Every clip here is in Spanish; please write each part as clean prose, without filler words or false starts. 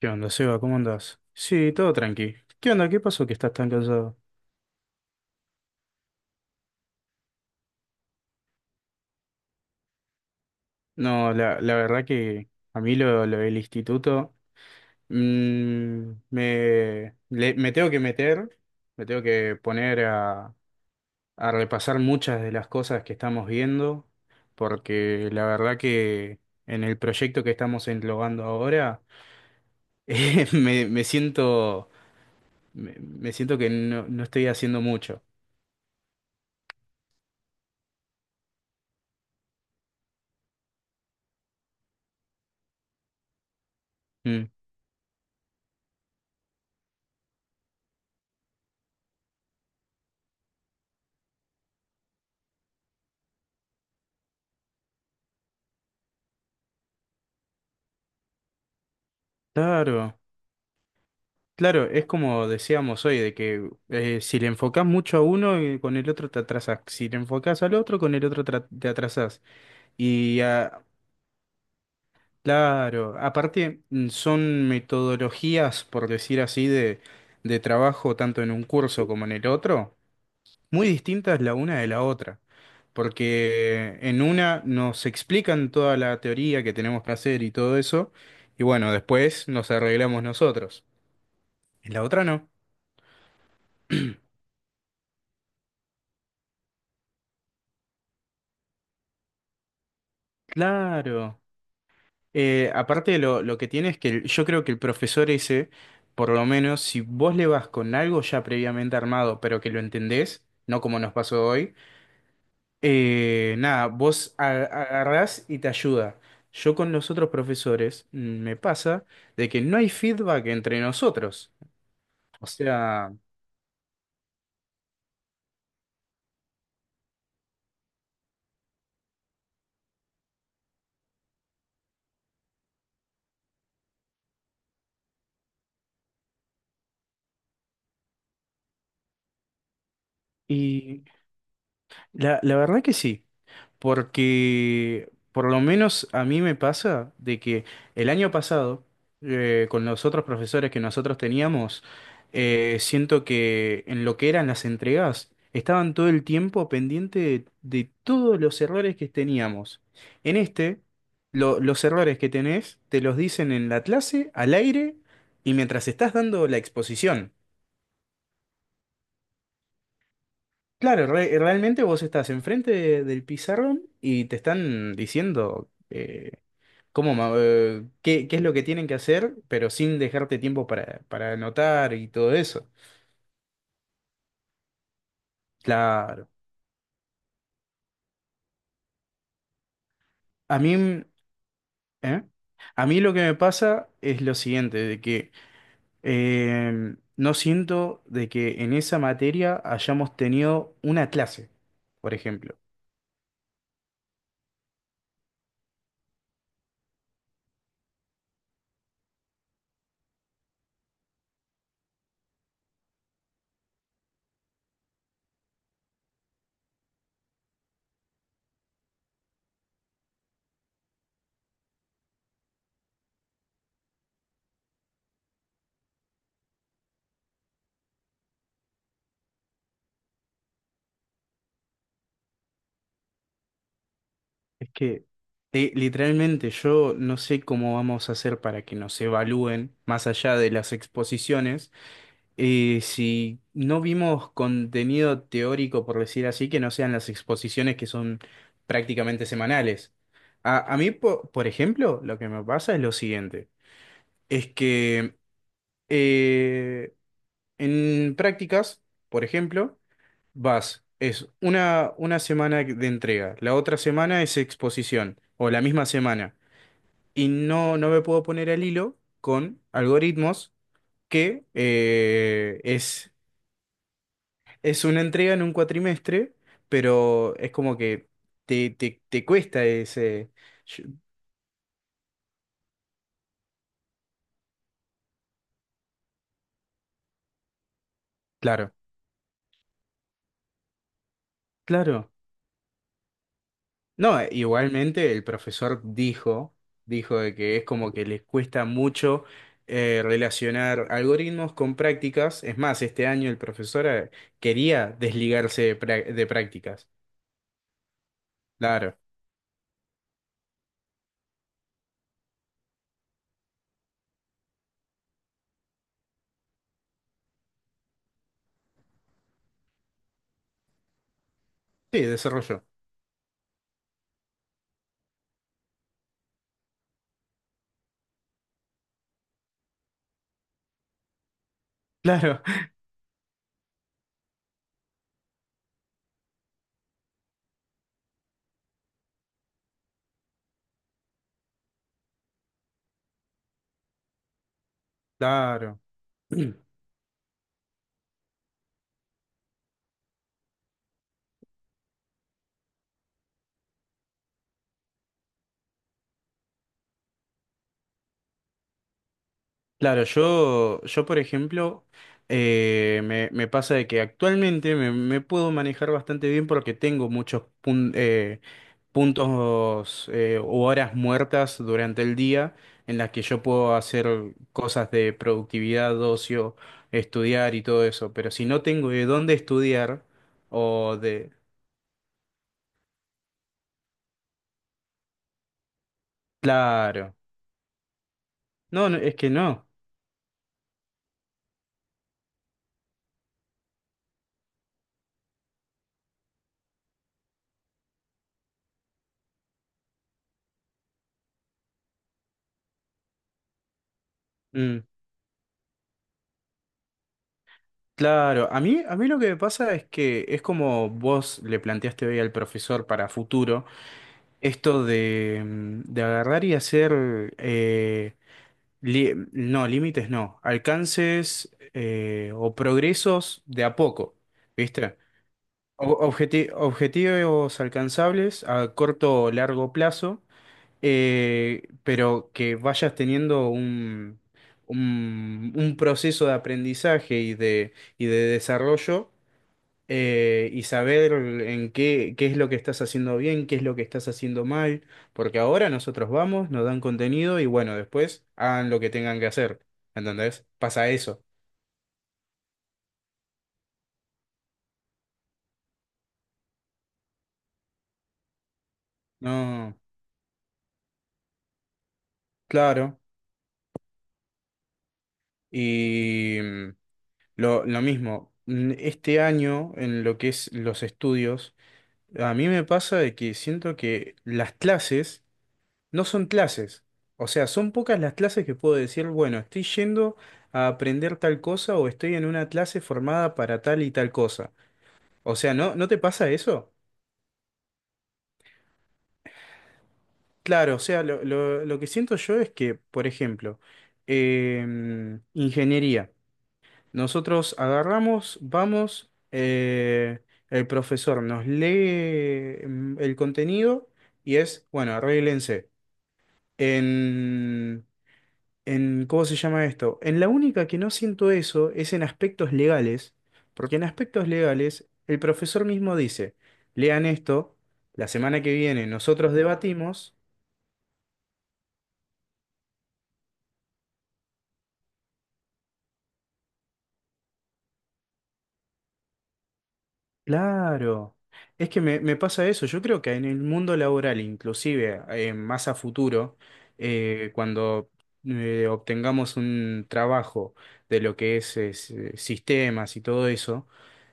¿Qué onda, Seba? ¿Cómo andás? Sí, todo tranqui. ¿Qué onda? ¿Qué pasó que estás tan cansado? No, la verdad que a mí lo del instituto me tengo que meter, me tengo que poner a repasar muchas de las cosas que estamos viendo, porque la verdad que en el proyecto que estamos englobando ahora me siento, me siento que no estoy haciendo mucho. Mm. Claro. Claro, es como decíamos hoy, de que si le enfocás mucho a uno, con el otro te atrasás. Si le enfocás al otro, con el otro te atrasás. Y ah, claro, aparte son metodologías, por decir así, de trabajo tanto en un curso como en el otro, muy distintas la una de la otra. Porque en una nos explican toda la teoría que tenemos que hacer y todo eso, y bueno, después nos arreglamos nosotros. En la otra no. Claro. Aparte lo que tiene es que yo creo que el profesor ese, por lo menos, si vos le vas con algo ya previamente armado, pero que lo entendés, no como nos pasó hoy, nada, vos agarrás y te ayuda. Yo con los otros profesores me pasa de que no hay feedback entre nosotros. O sea, y la verdad que sí. Porque por lo menos a mí me pasa de que el año pasado, con los otros profesores que nosotros teníamos, siento que en lo que eran las entregas, estaban todo el tiempo pendiente de todos los errores que teníamos. En este, los errores que tenés te los dicen en la clase, al aire y mientras estás dando la exposición. Claro, realmente vos estás enfrente del pizarrón y te están diciendo. Qué es lo que tienen que hacer, pero sin dejarte tiempo para anotar y todo eso. Claro. A mí, mm, ¿eh? A mí lo que me pasa es lo siguiente, de que no siento de que en esa materia hayamos tenido una clase, por ejemplo. Es que literalmente yo no sé cómo vamos a hacer para que nos evalúen más allá de las exposiciones. Si no vimos contenido teórico, por decir así, que no sean las exposiciones que son prácticamente semanales. Por ejemplo, lo que me pasa es lo siguiente, es que eh, en prácticas, por ejemplo, vas, es una semana de entrega, la otra semana es exposición, o la misma semana, y no me puedo poner al hilo con algoritmos que es. Es una entrega en un cuatrimestre, pero es como que te cuesta ese... Yo. Claro, claro. No, igualmente el profesor dijo, dijo de que es como que les cuesta mucho relacionar algoritmos con prácticas. Es más, este año el profesor quería desligarse de, de prácticas. Claro. Sí, desarrollo. Claro, claro. Claro, yo por ejemplo, me pasa de que actualmente me puedo manejar bastante bien porque tengo muchos puntos o horas muertas durante el día en las que yo puedo hacer cosas de productividad, ocio, estudiar y todo eso. Pero si no tengo de dónde estudiar o de... Claro. No, no, es que no. Mm. Claro, a mí lo que me pasa es que es como vos le planteaste hoy al profesor para futuro, esto de, de agarrar y hacer, eh, límites no, alcances o progresos de a poco, ¿viste? Objetivos alcanzables a corto o largo plazo, pero que vayas teniendo un proceso de aprendizaje y de desarrollo y saber en qué, qué es lo que estás haciendo bien, qué es lo que estás haciendo mal, porque ahora nosotros vamos, nos dan contenido y bueno, después hagan lo que tengan que hacer, ¿entendés? Pasa eso. No, claro. Y lo mismo, este año en lo que es los estudios, a mí me pasa de que siento que las clases no son clases. O sea, son pocas las clases que puedo decir, bueno, estoy yendo a aprender tal cosa o estoy en una clase formada para tal y tal cosa. O sea, no te pasa eso? Claro, o sea, lo que siento yo es que, por ejemplo, ingeniería. Nosotros agarramos, vamos, el profesor nos lee el contenido y es, bueno, arréglense. En, en, ¿cómo se llama esto? En la única que no siento eso es en aspectos legales, porque en aspectos legales el profesor mismo dice, lean esto, la semana que viene nosotros debatimos. Claro. Es que me pasa eso. Yo creo que en el mundo laboral, inclusive más a futuro, cuando obtengamos un trabajo de lo que es, sistemas y todo eso,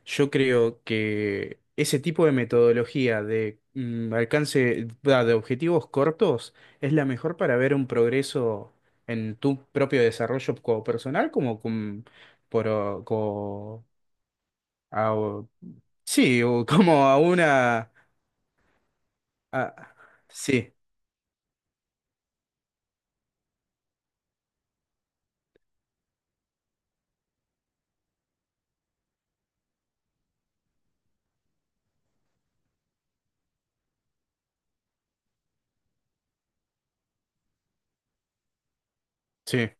yo creo que ese tipo de metodología de alcance va, de objetivos cortos es la mejor para ver un progreso en tu propio desarrollo como personal como, con- por, o- co- a- sí, o como a una... a. Sí, sí.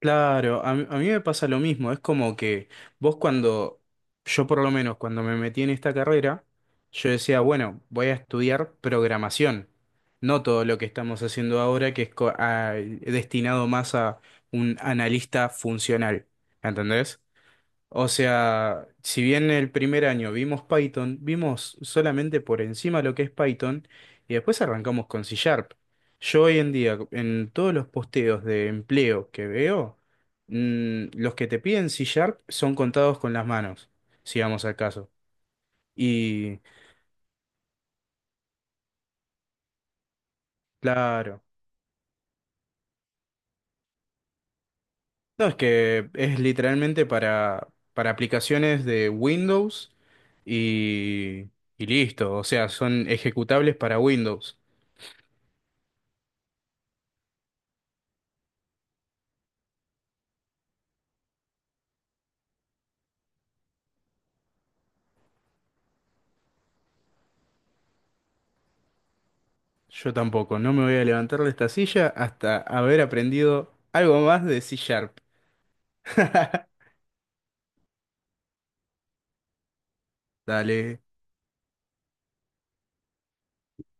Claro, a mí me pasa lo mismo. Es como que vos cuando, yo por lo menos cuando me metí en esta carrera, yo decía, bueno, voy a estudiar programación. No todo lo que estamos haciendo ahora, que es destinado más a un analista funcional. ¿Entendés? O sea, si bien el primer año vimos Python, vimos solamente por encima lo que es Python y después arrancamos con C Sharp. Yo hoy en día, en todos los posteos de empleo que veo, los que te piden C Sharp son contados con las manos, si vamos al caso. Y claro, no, es que es literalmente para aplicaciones de Windows y, y listo. O sea, son ejecutables para Windows. Yo tampoco, no me voy a levantar de esta silla hasta haber aprendido algo más de C Sharp. Dale.